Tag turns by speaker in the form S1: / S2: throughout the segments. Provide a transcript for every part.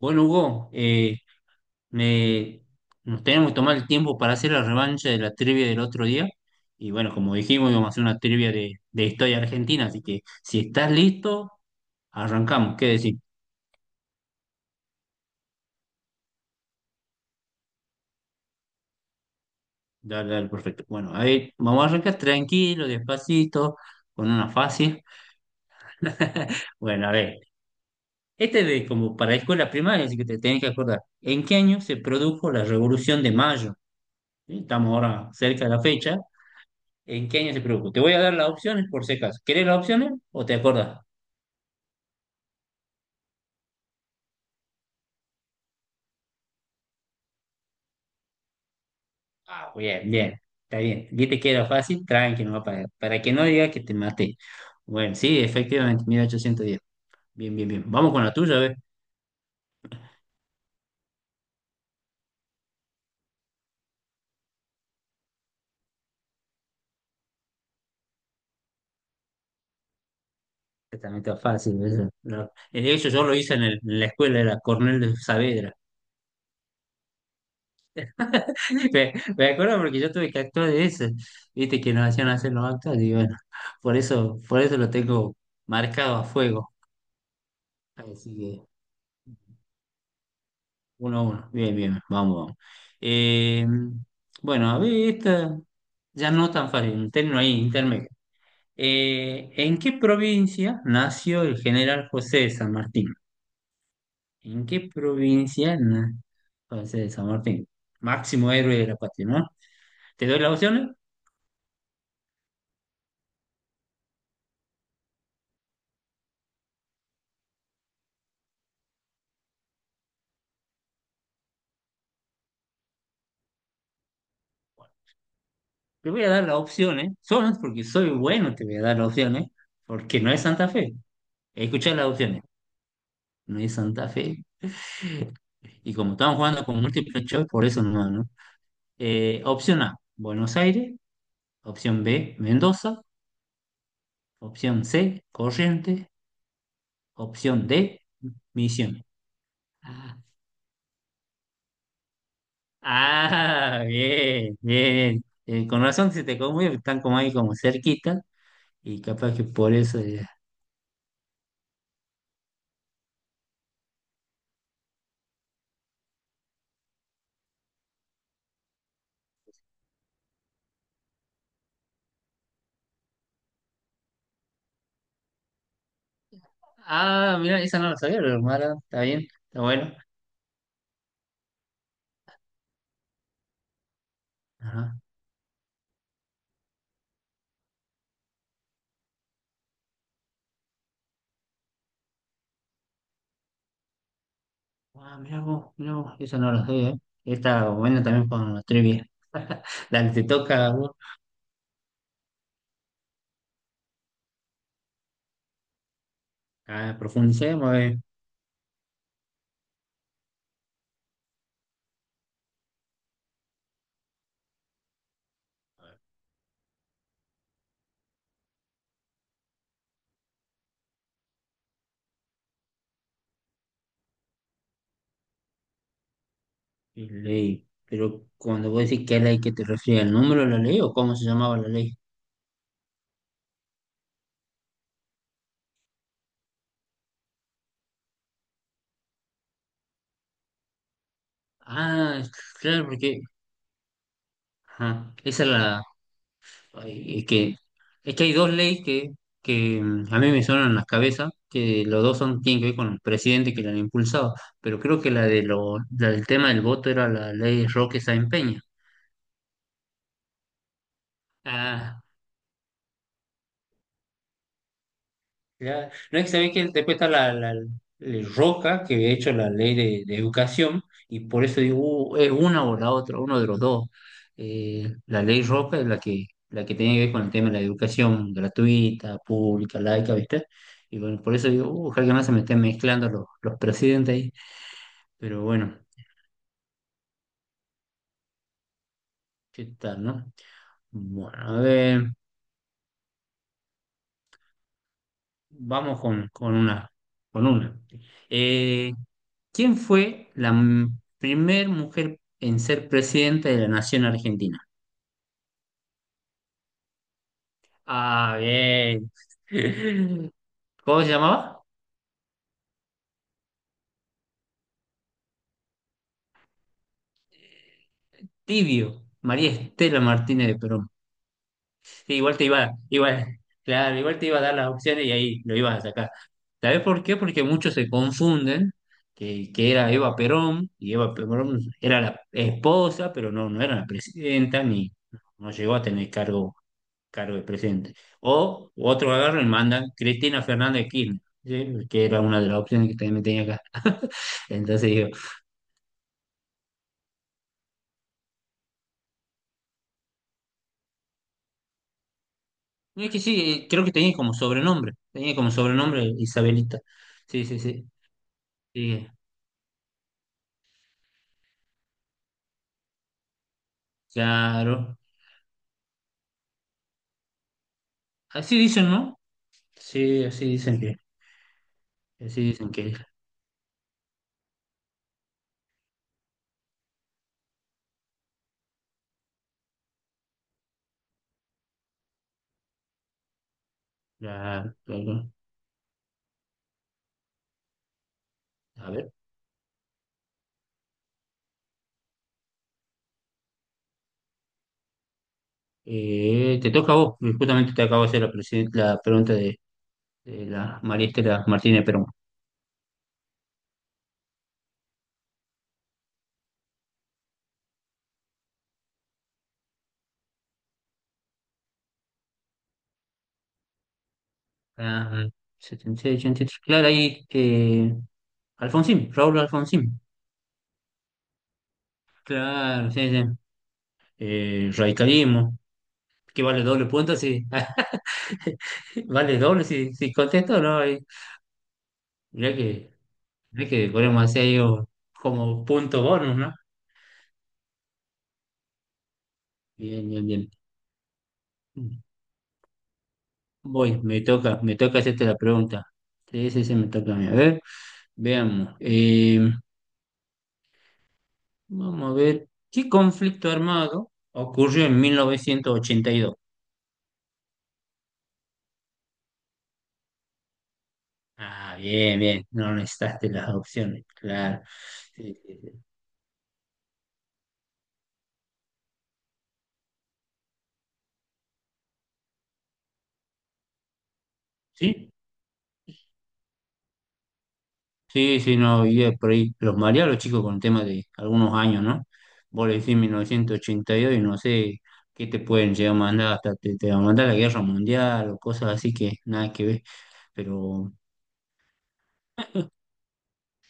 S1: Bueno, Hugo, me- nos tenemos que tomar el tiempo para hacer la revancha de la trivia del otro día. Y bueno, como dijimos, íbamos a hacer una trivia de historia argentina. Así que si estás listo, arrancamos. ¿Qué decir? Dale, dale, perfecto. Bueno, a ver, vamos a arrancar tranquilo, despacito, con una fácil. Bueno, a ver, este es de como para escuela primaria, así que te tenés que acordar. ¿En qué año se produjo la Revolución de Mayo? ¿Sí? Estamos ahora cerca de la fecha. ¿En qué año se produjo? Te voy a dar las opciones por si acaso. ¿Querés las opciones o te acordás? Ah, bien, bien. Está bien. Viste que era fácil, tranqui, no va para que no diga que te maté. Bueno, sí, efectivamente, 1810. Bien, bien, bien. Vamos con la tuya, ¿ves? Ver. Que también está fácil. Eso. No. De hecho, yo lo hice en la escuela, era Cornel de Saavedra. Me acuerdo porque yo tuve que actuar de eso. Viste que nos hacían hacer los actos y bueno, por eso lo tengo marcado a fuego. Así. 1-1. Bien, bien, vamos, vamos. Eh, bueno, a ver, esta ya no tan fácil, un término ahí, intermedio. ¿En qué provincia nació el general José de San Martín? ¿En qué provincia nació José de San Martín? Máximo héroe de la patria, ¿no? ¿Te doy las opciones? Te voy a dar las opciones, solo porque soy bueno, te voy a dar las opciones, porque no es Santa Fe. Escuchá las opciones, no es Santa Fe. Y como estamos jugando con múltiples choice, por eso no, ¿no? Opción A, Buenos Aires. Opción B, Mendoza. Opción C, Corrientes. Opción D, Misiones. Ah, ah, bien, bien. Con razón se te conmueve, están como ahí como cerquita y capaz que por eso. Ah, mira, esa no la sabía, pero Mara, está bien, está bueno. Ajá. Ah, mira vos, esa no la sabía. Está bueno también con la trivia. Dale, te toca a vos. Ah, profundicemos, a. Y ley. Pero cuando vos decís qué ley, ¿qué te refieres? ¿Al número de la ley o cómo se llamaba la ley? Ah, claro, porque ajá, esa es la. Ay, es que, hay dos leyes que a mí me suenan en la cabeza, que los dos son, tienen que ver con el presidente que la han impulsado, pero creo que la del tema del voto era la ley Roque Sáenz Peña. Ah, ya, no es que sabéis que después está la, Roca, que he hecho la ley de educación, y por eso digo, es una o la otra, uno de los dos. La ley Roca es la que tiene que ver con el tema de la educación gratuita, pública, laica, ¿viste? Y bueno, por eso digo, ojalá que no se me estén mezclando los presidentes ahí, pero bueno, ¿qué tal, no? Bueno, a ver, vamos con una. Eh, ¿Quién fue primer mujer en ser presidenta de la Nación Argentina? Ah, bien. ¿Cómo se llamaba? Tibio. María Estela Martínez de Perón. Sí, igual te iba, igual, claro, igual te iba a dar las opciones y ahí lo ibas a sacar. ¿Sabes por qué? Porque muchos se confunden que era Eva Perón y Eva Perón era la esposa, pero no, no era la presidenta ni no llegó a tener cargo de presidente. O otro agarro y mandan Cristina Fernández de Kirchner, ¿sí? Que era una de las opciones que también tenía acá. Entonces digo, no es que sí, creo que tenía como sobrenombre Isabelita. Sí, sí, sí. Sí, claro. Así dicen, ¿no? Sí, así dicen que la- la- a ver, te toca a vos, justamente te acabo de hacer la pregunta de la María Estela Martínez Perón. Ah, setenta y 83. Claro, ahí Alfonsín, Raúl Alfonsín. Claro, sí, sí. Radicalismo, que vale doble punto si vale doble si, contesto, ¿no? Y mirá que, mirá que podemos hacer ahí como punto bonus, ¿no? Bien, bien, bien. Voy, me toca hacerte la pregunta. Sí, sí, sí, me toca a mí. A ver, veamos. Vamos a ver, ¿qué conflicto armado ocurrió en 1982? Ah, bien, bien, no necesitaste las opciones, claro. Sí, sí, sí. Sí, sí, sí, no, y por ahí los mareaba los chicos con el tema de algunos años, ¿no? Vos le decís 1982 y no sé qué te pueden llegar a mandar, hasta te van a mandar la guerra mundial o cosas así que nada que ver, pero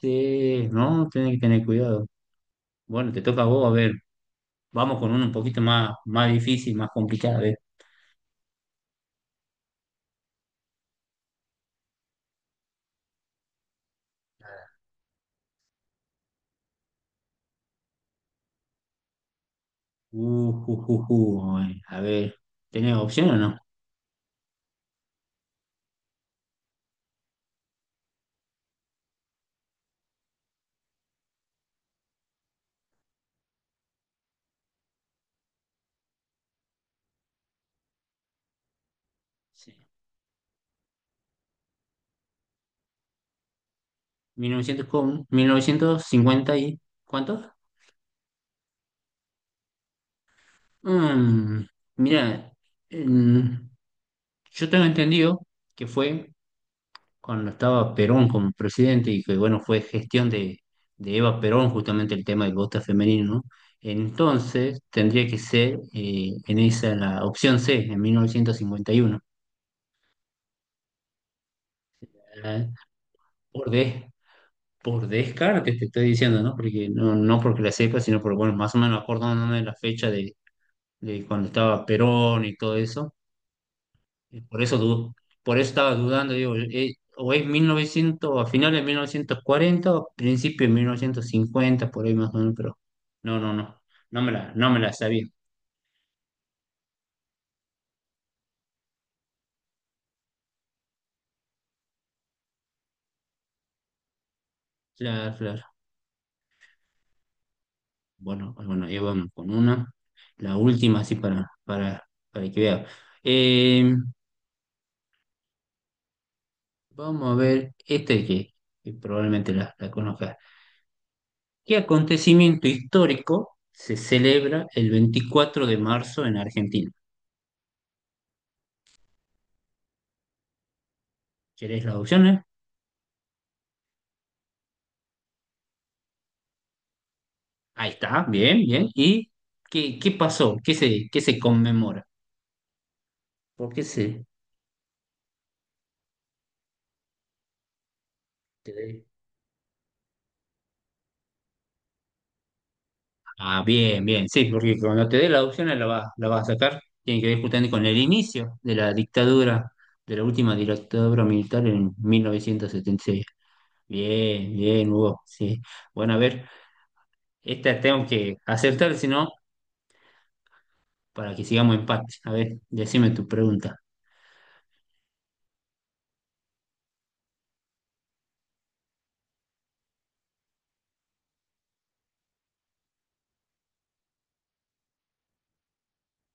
S1: sí, no, tenés que tener cuidado. Bueno, te toca a vos, a ver, vamos con uno un poquito más difícil, más complicado, a ver. Ay, a ver, ¿tenés opción o no? Sí. Mil novecientos cincuenta y ¿cuánto? Mm, mira, en- yo tengo entendido que fue cuando estaba Perón como presidente y que, bueno, fue gestión de Eva Perón justamente el tema del voto femenino, ¿no? Entonces tendría que ser en esa la opción C, en 1951. ¿Eh? Por, des- por descarte te estoy diciendo, ¿no? Porque no, no porque la sepa, sino porque, bueno, más o menos acordándome de la fecha de cuando estaba Perón y todo eso. Y por eso estaba dudando, digo, o es 1900 a finales de 1940 o principio de 1950 por ahí más o menos, pero no, no, no, no me la sabía. Claro, claro. Bueno, ah, bueno, ahí vamos con una. La última, así para que vea. Eh, vamos a ver este que probablemente la conozcas. ¿Qué acontecimiento histórico se celebra el 24 de marzo en Argentina? ¿Querés las opciones? Ahí está, bien, bien. ¿Y qué pasó? ¿Qué se conmemora? ¿Por qué se te dé? Ah, bien, bien, sí, porque cuando te dé la opción la vas a sacar. Tiene que ver justamente con el inicio de la dictadura, de la última dictadura militar en 1976. Bien, bien, Hugo, sí. Bueno, a ver, esta tengo que acertar, si no, para que sigamos empate. A ver, decime tu pregunta.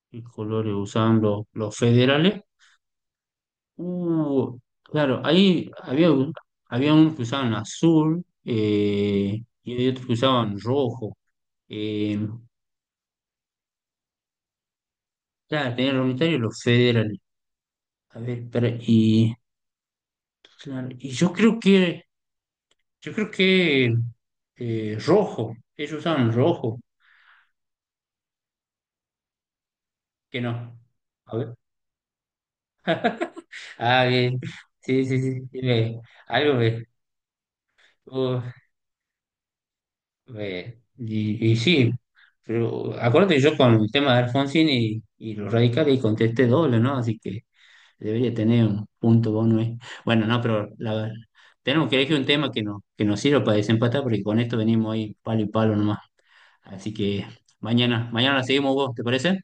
S1: ¿Qué colores usaban los federales? Uh, claro, ahí había unos que usaban azul y había otros que usaban rojo. Eh, claro, tenían los unitarios y los federales. A ver, y, claro, y yo creo que rojo, ellos usaban rojo, que no. A ver. Ah, bien. Sí, sí, sí. Sí, algo ve. Y sí, pero acuérdate yo con el tema de Alfonsín y los radicales y contesté doble, ¿no? Así que debería tener un punto bono ahí. Bueno, no, pero tenemos que elegir un tema que, no, que nos sirva para desempatar porque con esto venimos ahí palo y palo nomás. Así que mañana, mañana la seguimos vos, ¿te parece?